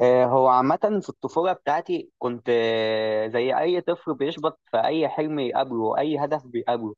هو عامة في الطفولة بتاعتي كنت زي أي طفل بيشبط في أي حلم يقابله أي هدف بيقابله.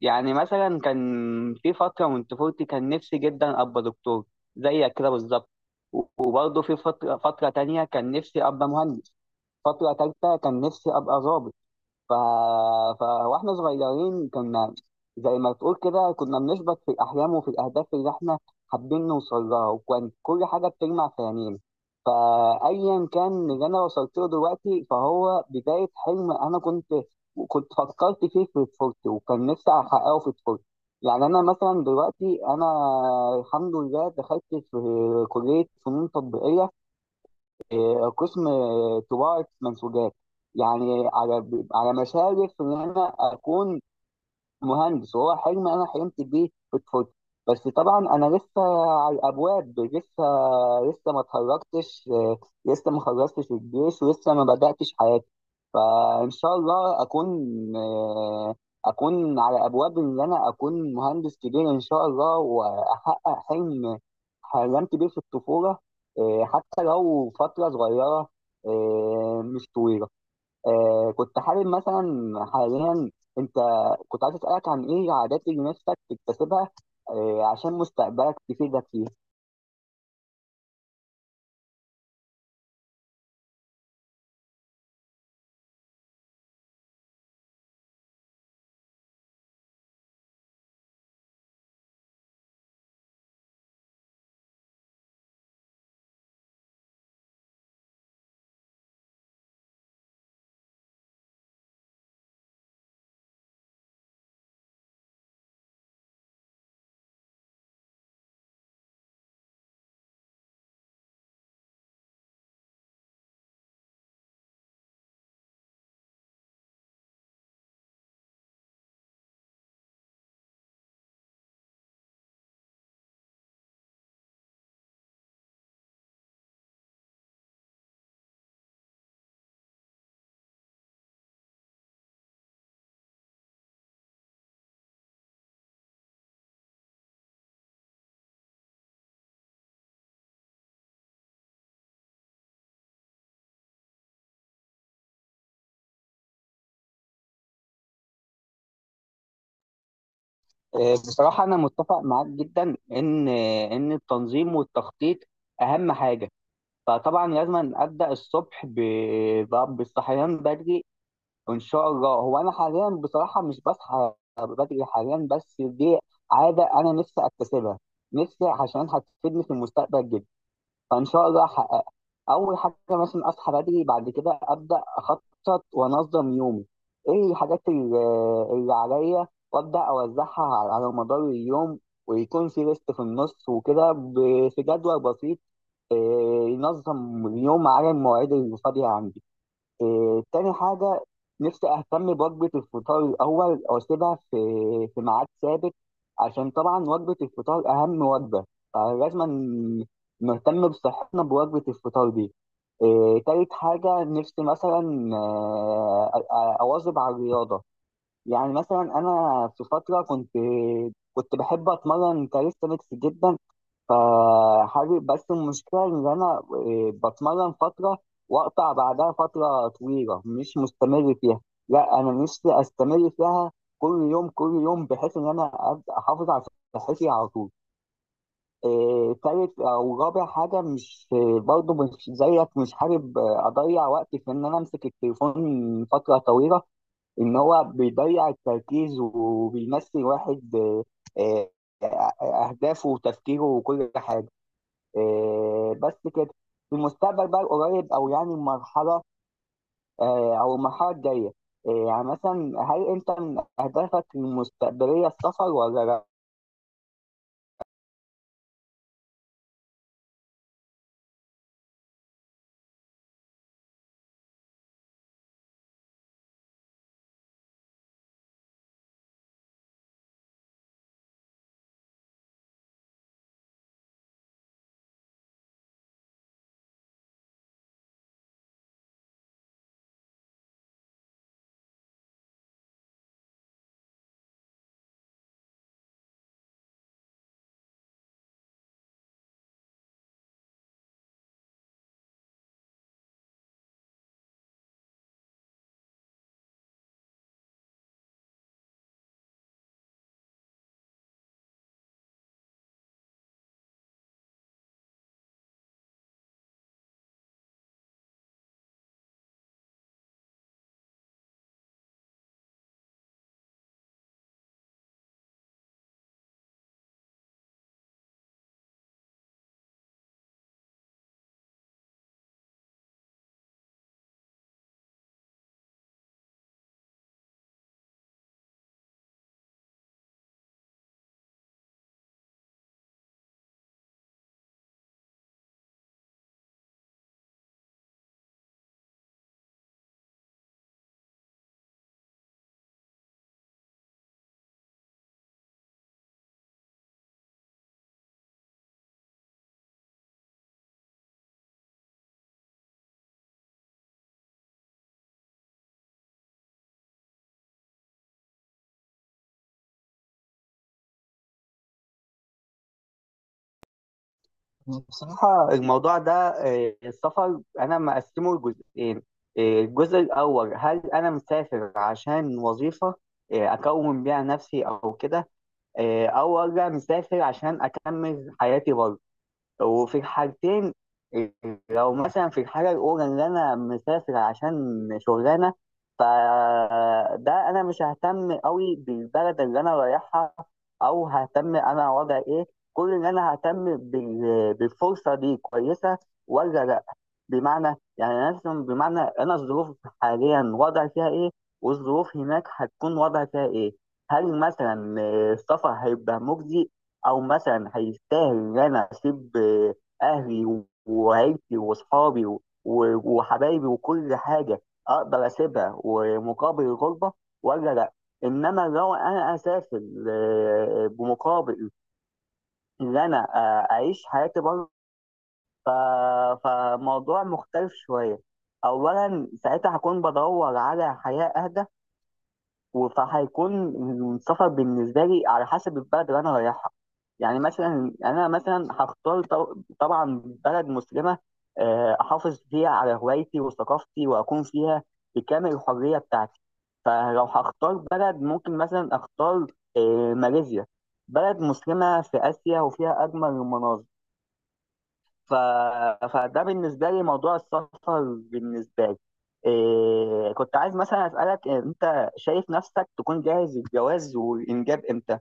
يعني مثلا كان في فترة من طفولتي كان نفسي جدا أبقى دكتور زيك كده بالظبط. و- وبرضه في فترة تانية كان نفسي أبقى مهندس. فترة تالتة كان نفسي أبقى ظابط. ف... واحنا صغيرين كنا زي ما تقول كده كنا بنشبط في الأحلام وفي الأهداف اللي احنا حابين نوصل لها، وكان كل حاجة بتجمع في عينينا. فأيا كان اللي أنا وصلت له دلوقتي فهو بداية حلم أنا كنت فكرت فيه في طفولتي، وكان نفسي أحققه في طفولتي. يعني أنا مثلا دلوقتي أنا الحمد لله دخلت في كلية فنون تطبيقية، قسم طباعة منسوجات. يعني على على مشارف إن أنا أكون مهندس، وهو حلم انا حلمت بيه في طفولتي. بس طبعا انا لسه على الابواب، لسه ما اتخرجتش، لسه ما خلصتش الجيش ولسه ما بداتش حياتي. فان شاء الله اكون آه، اكون على ابواب ان انا اكون مهندس كبير ان شاء الله، واحقق حلم حلمت بيه في الطفوله. حتى لو فتره صغيره، مش طويله. كنت حابب مثلا حاليا انت، كنت عايز اسالك عن ايه عادات اللي نفسك تكتسبها عشان مستقبلك تفيدك فيه. آه، بصراحه انا متفق معاك جدا ان ان التنظيم والتخطيط اهم حاجه. فطبعا لازم ابدا الصبح بالصحيان بدري وان شاء الله. هو انا حاليا بصراحه مش بصحى بدري حاليا، بس دي عاده انا نفسي اكتسبها، نفسي عشان هتفيدني في المستقبل جدا، فان شاء الله احققها. اول حاجه مثلا اصحى بدري، بعد كده ابدا اخطط وانظم يومي. ايه الحاجات اللي عليا، وابدا اوزعها على على مدار اليوم، ويكون في ريست في النص وكده، في جدول بسيط إيه، ينظم اليوم على المواعيد اللي فاضيه عندي. إيه، تاني حاجة نفسي أهتم بوجبة الفطار الأول وأسيبها في في ميعاد ثابت، عشان طبعا وجبة الفطار أهم وجبة، فلازم نهتم بصحتنا بوجبة الفطار دي. إيه، تالت حاجة نفسي مثلا، أواظب على الرياضة. يعني مثلا أنا في فترة كنت بحب أتمرن كاليستانكس جدا، فحابب. بس المشكلة إن أنا بتمرن فترة وأقطع بعدها فترة طويلة مش مستمر فيها. لا أنا نفسي أستمر فيها كل يوم بحيث إن أنا أبقى أحافظ على صحتي على طول. آه، تالت أو رابع حاجة، مش برضه مش زيك، مش حابب أضيع وقتي في إن أنا أمسك التليفون فترة طويلة، إن هو بيضيع التركيز وبيمثل واحد آه، أهدافه وتفكيره وكل حاجة. بس كده. في المستقبل بقى القريب او يعني المرحله، او المرحله الجايه، يعني مثلا هل انت من اهدافك المستقبليه السفر ولا لا؟ بصراحه الموضوع ده، السفر انا مقسمه لجزئين. الجزء الاول، هل انا مسافر عشان وظيفه اكون بيها نفسي او كده، آه، او ولا مسافر عشان اكمل حياتي بره. وفي حاجتين. لو مثلا في الحاجة الأولى اللي أنا مسافر عشان شغلانة، فده أنا مش ههتم أوي بالبلد اللي أنا رايحها، أو ههتم أنا وضع إيه. كل اللي أنا ههتم بالفرصة دي كويسة ولا لأ. بمعنى يعني أنا مثلا، بمعنى أنا الظروف حاليا وضع فيها إيه، والظروف هناك هتكون وضع فيها إيه، هل مثلا السفر هيبقى مجزي او مثلا هيستاهل ان انا اسيب اهلي وعيلتي واصحابي وحبايبي وكل حاجه، اقدر اسيبها ومقابل الغربه ولا لا. انما لو انا اسافر بمقابل ان انا اعيش حياتي بره، فموضوع مختلف شويه. اولا ساعتها هكون بدور على حياه اهدى، فهيكون السفر بالنسبة لي على حسب البلد اللي أنا رايحها. يعني مثلا أنا مثلا هختار طبعا بلد مسلمة، أحافظ فيها على هوايتي وثقافتي وأكون فيها بكامل الحرية بتاعتي. فلو هختار بلد ممكن مثلا أختار ماليزيا، بلد مسلمة في آسيا وفيها أجمل المناظر. ف... فده بالنسبة لي موضوع السفر بالنسبة لي. كنت عايز مثلا أسألك، أنت شايف نفسك تكون جاهز للجواز والإنجاب إمتى؟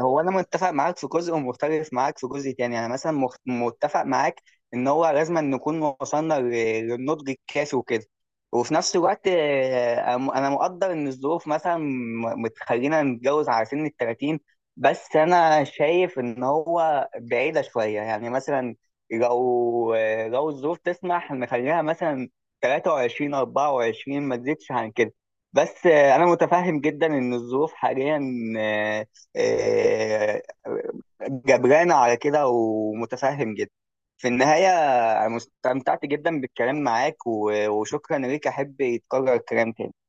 هو انا متفق معاك في جزء ومختلف معاك في جزء تاني. يعني مثلا متفق معاك ان هو لازم نكون وصلنا للنضج الكافي وكده، وفي نفس الوقت آه، انا أنا مقدر ان الظروف مثلا بتخلينا نتجوز على سن ال 30. بس انا شايف ان هو بعيدة شوية. يعني مثلا لو لو الظروف تسمح نخليها مثلا 23 24، ما تزيدش عن كده. بس انا متفهم جدا ان الظروف حاليا آه، جبران على كده، ومتفهم جدا. في النهاية أنا استمتعت جدا بالكلام معاك وشكرا ليك، أحب يتكرر الكلام تاني.